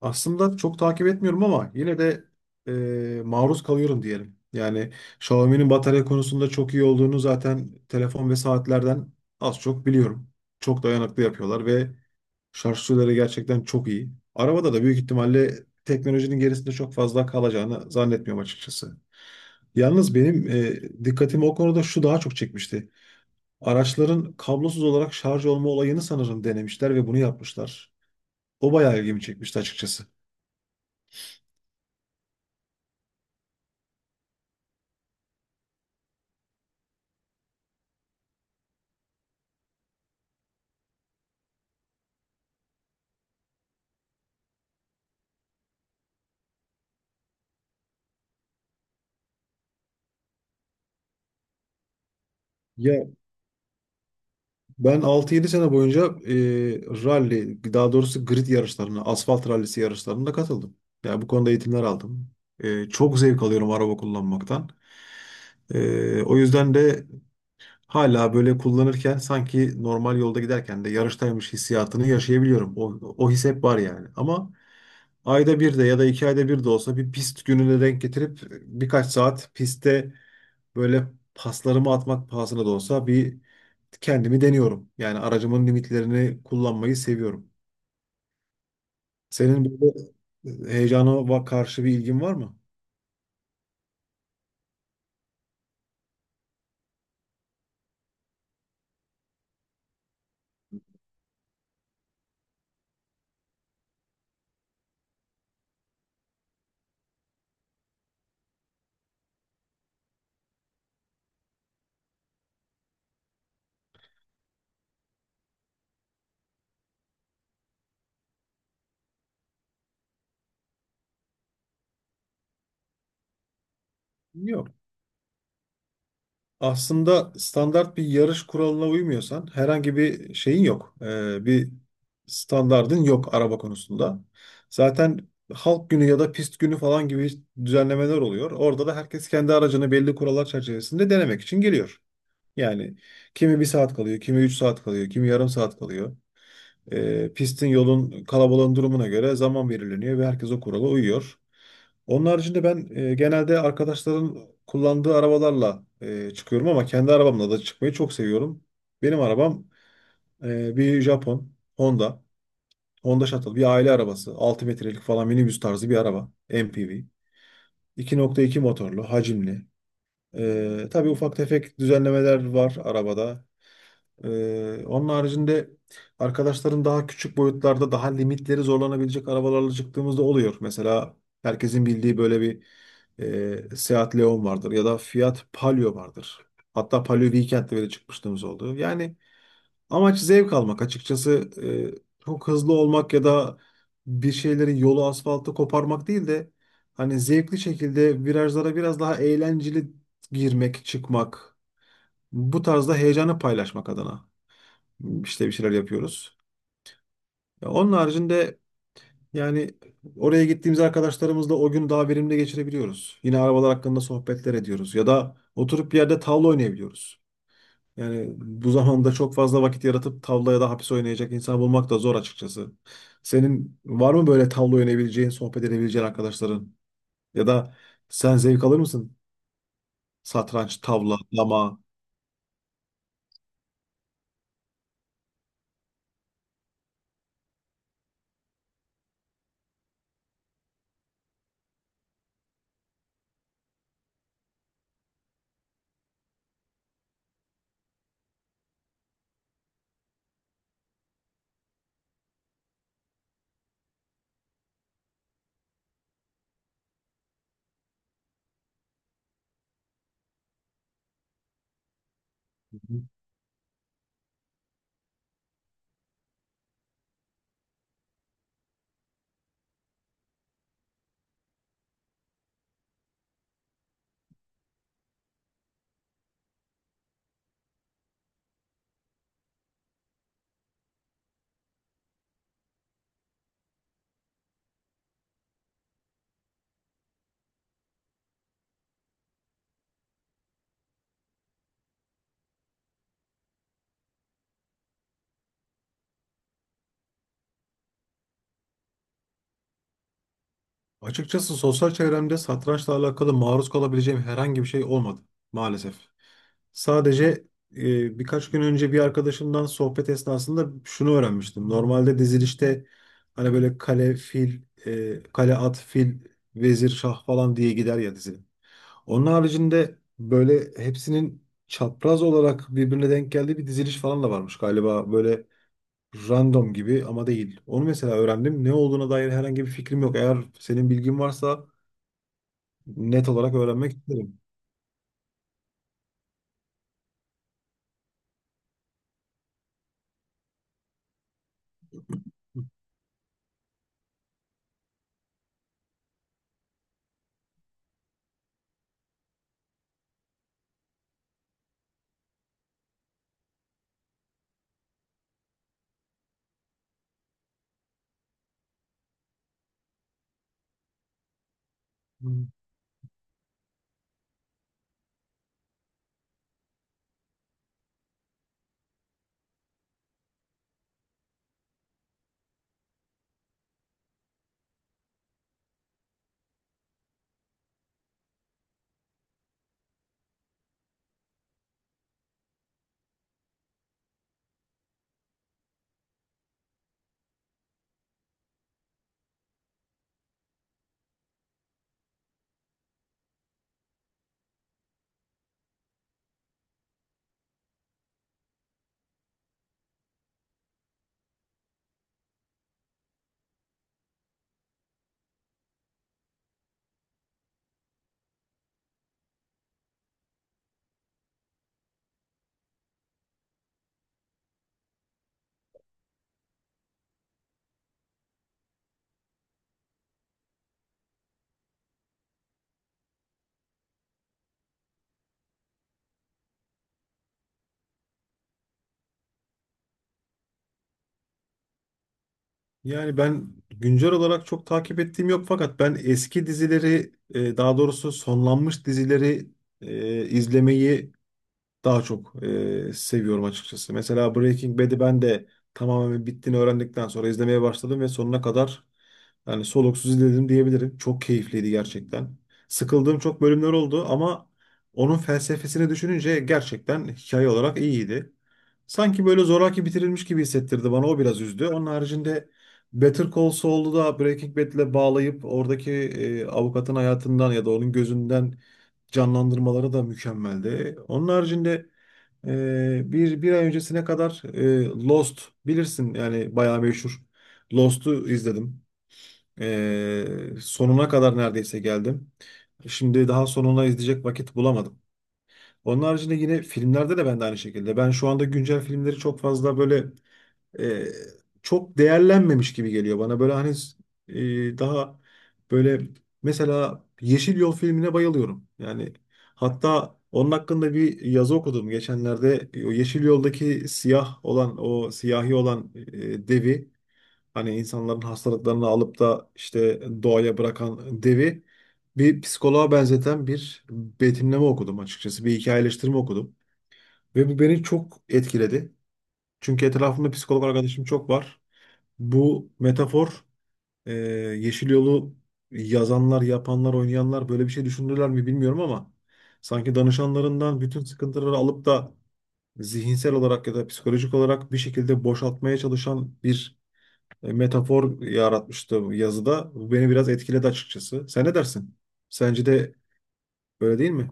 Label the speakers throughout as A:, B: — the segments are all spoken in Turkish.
A: Aslında çok takip etmiyorum ama yine de maruz kalıyorum diyelim. Yani Xiaomi'nin batarya konusunda çok iyi olduğunu zaten telefon ve saatlerden az çok biliyorum. Çok dayanıklı yapıyorlar ve şarj süreleri gerçekten çok iyi. Arabada da büyük ihtimalle teknolojinin gerisinde çok fazla kalacağını zannetmiyorum açıkçası. Yalnız benim dikkatimi o konuda şu daha çok çekmişti. Araçların kablosuz olarak şarj olma olayını sanırım denemişler ve bunu yapmışlar. O bayağı ilgimi çekmişti açıkçası. Ya. Ben 6-7 sene boyunca rally, daha doğrusu grid yarışlarına, asfalt rallisi yarışlarına katıldım. Yani bu konuda eğitimler aldım. Çok zevk alıyorum araba kullanmaktan. O yüzden de hala böyle kullanırken sanki normal yolda giderken de yarıştaymış hissiyatını yaşayabiliyorum. O his hep var yani. Ama ayda bir de ya da 2 ayda bir de olsa bir pist gününe denk getirip birkaç saat pistte böyle paslarımı atmak pahasına da olsa bir kendimi deniyorum. Yani aracımın limitlerini kullanmayı seviyorum. Senin böyle heyecana karşı bir ilgin var mı? Yok. Aslında standart bir yarış kuralına uymuyorsan herhangi bir şeyin yok. Bir standardın yok araba konusunda. Zaten halk günü ya da pist günü falan gibi düzenlemeler oluyor. Orada da herkes kendi aracını belli kurallar çerçevesinde denemek için geliyor. Yani kimi bir saat kalıyor, kimi 3 saat kalıyor, kimi yarım saat kalıyor. Pistin yolun kalabalığın durumuna göre zaman belirleniyor ve herkes o kurala uyuyor. Onun haricinde ben genelde arkadaşların kullandığı arabalarla çıkıyorum ama kendi arabamla da çıkmayı çok seviyorum. Benim arabam bir Japon Honda. Honda Shuttle bir aile arabası. 6 metrelik falan minibüs tarzı bir araba. MPV. 2,2 motorlu, hacimli. Tabii ufak tefek düzenlemeler var arabada. Onun haricinde arkadaşların daha küçük boyutlarda daha limitleri zorlanabilecek arabalarla çıktığımızda oluyor. Mesela herkesin bildiği böyle bir Seat Leon vardır ya da Fiat Palio vardır. Hatta Palio Weekend'de bile çıkmışlığımız oldu. Yani amaç zevk almak açıkçası çok hızlı olmak ya da bir şeylerin yolu asfaltı koparmak değil de hani zevkli şekilde virajlara biraz daha eğlenceli girmek, çıkmak bu tarzda heyecanı paylaşmak adına. İşte bir şeyler yapıyoruz. Ya onun haricinde yani oraya gittiğimiz arkadaşlarımızla o gün daha verimli geçirebiliyoruz. Yine arabalar hakkında sohbetler ediyoruz ya da oturup bir yerde tavla oynayabiliyoruz. Yani bu zamanda çok fazla vakit yaratıp tavla ya da hapis oynayacak insan bulmak da zor açıkçası. Senin var mı böyle tavla oynayabileceğin, sohbet edebileceğin arkadaşların? Ya da sen zevk alır mısın? Satranç, tavla, dama. Hı hı. Açıkçası sosyal çevremde satrançla alakalı maruz kalabileceğim herhangi bir şey olmadı maalesef. Sadece birkaç gün önce bir arkadaşımdan sohbet esnasında şunu öğrenmiştim. Normalde dizilişte hani böyle kale, fil, kale, at, fil, vezir, şah falan diye gider ya dizi. Onun haricinde böyle hepsinin çapraz olarak birbirine denk geldiği bir diziliş falan da varmış galiba. Böyle random gibi ama değil. Onu mesela öğrendim. Ne olduğuna dair herhangi bir fikrim yok. Eğer senin bilgin varsa net olarak öğrenmek isterim. Yani ben güncel olarak çok takip ettiğim yok fakat ben eski dizileri daha doğrusu sonlanmış dizileri izlemeyi daha çok seviyorum açıkçası. Mesela Breaking Bad'i ben de tamamen bittiğini öğrendikten sonra izlemeye başladım ve sonuna kadar yani soluksuz izledim diyebilirim. Çok keyifliydi gerçekten. Sıkıldığım çok bölümler oldu ama onun felsefesini düşününce gerçekten hikaye olarak iyiydi. Sanki böyle zoraki bitirilmiş gibi hissettirdi bana. O biraz üzdü. Onun haricinde Better Call Saul'u da Breaking Bad'le bağlayıp oradaki avukatın hayatından ya da onun gözünden canlandırmaları da mükemmeldi. Onun haricinde bir ay öncesine kadar Lost bilirsin yani bayağı meşhur. Lost'u izledim. Sonuna kadar neredeyse geldim. Şimdi daha sonuna izleyecek vakit bulamadım. Onun haricinde yine filmlerde de ben de aynı şekilde. Ben şu anda güncel filmleri çok fazla böyle e, çok değerlenmemiş gibi geliyor bana. Böyle hani daha böyle mesela Yeşil Yol filmine bayılıyorum. Yani hatta onun hakkında bir yazı okudum geçenlerde. O Yeşil Yol'daki siyah olan o siyahi olan devi hani insanların hastalıklarını alıp da işte doğaya bırakan devi bir psikoloğa benzeten bir betimleme okudum açıkçası. Bir hikayeleştirme okudum. Ve bu beni çok etkiledi. Çünkü etrafımda psikolog arkadaşım çok var. Bu metafor e, Yeşil Yol'u yazanlar, yapanlar, oynayanlar böyle bir şey düşündüler mi bilmiyorum ama sanki danışanlarından bütün sıkıntıları alıp da zihinsel olarak ya da psikolojik olarak bir şekilde boşaltmaya çalışan bir metafor yaratmıştı bu yazıda. Bu beni biraz etkiledi açıkçası. Sen ne dersin? Sence de öyle değil mi?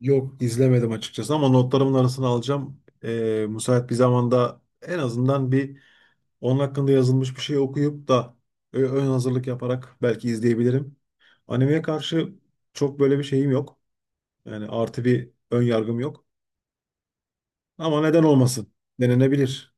A: Yok, izlemedim açıkçası ama notlarımın arasına alacağım. Müsait bir zamanda en azından bir onun hakkında yazılmış bir şey okuyup da ön hazırlık yaparak belki izleyebilirim. Animeye karşı çok böyle bir şeyim yok. Yani artı bir ön yargım yok. Ama neden olmasın? Denenebilir.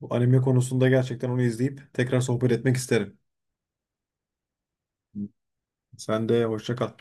A: Bu anime konusunda gerçekten onu izleyip tekrar sohbet etmek isterim. Sen de hoşça kal.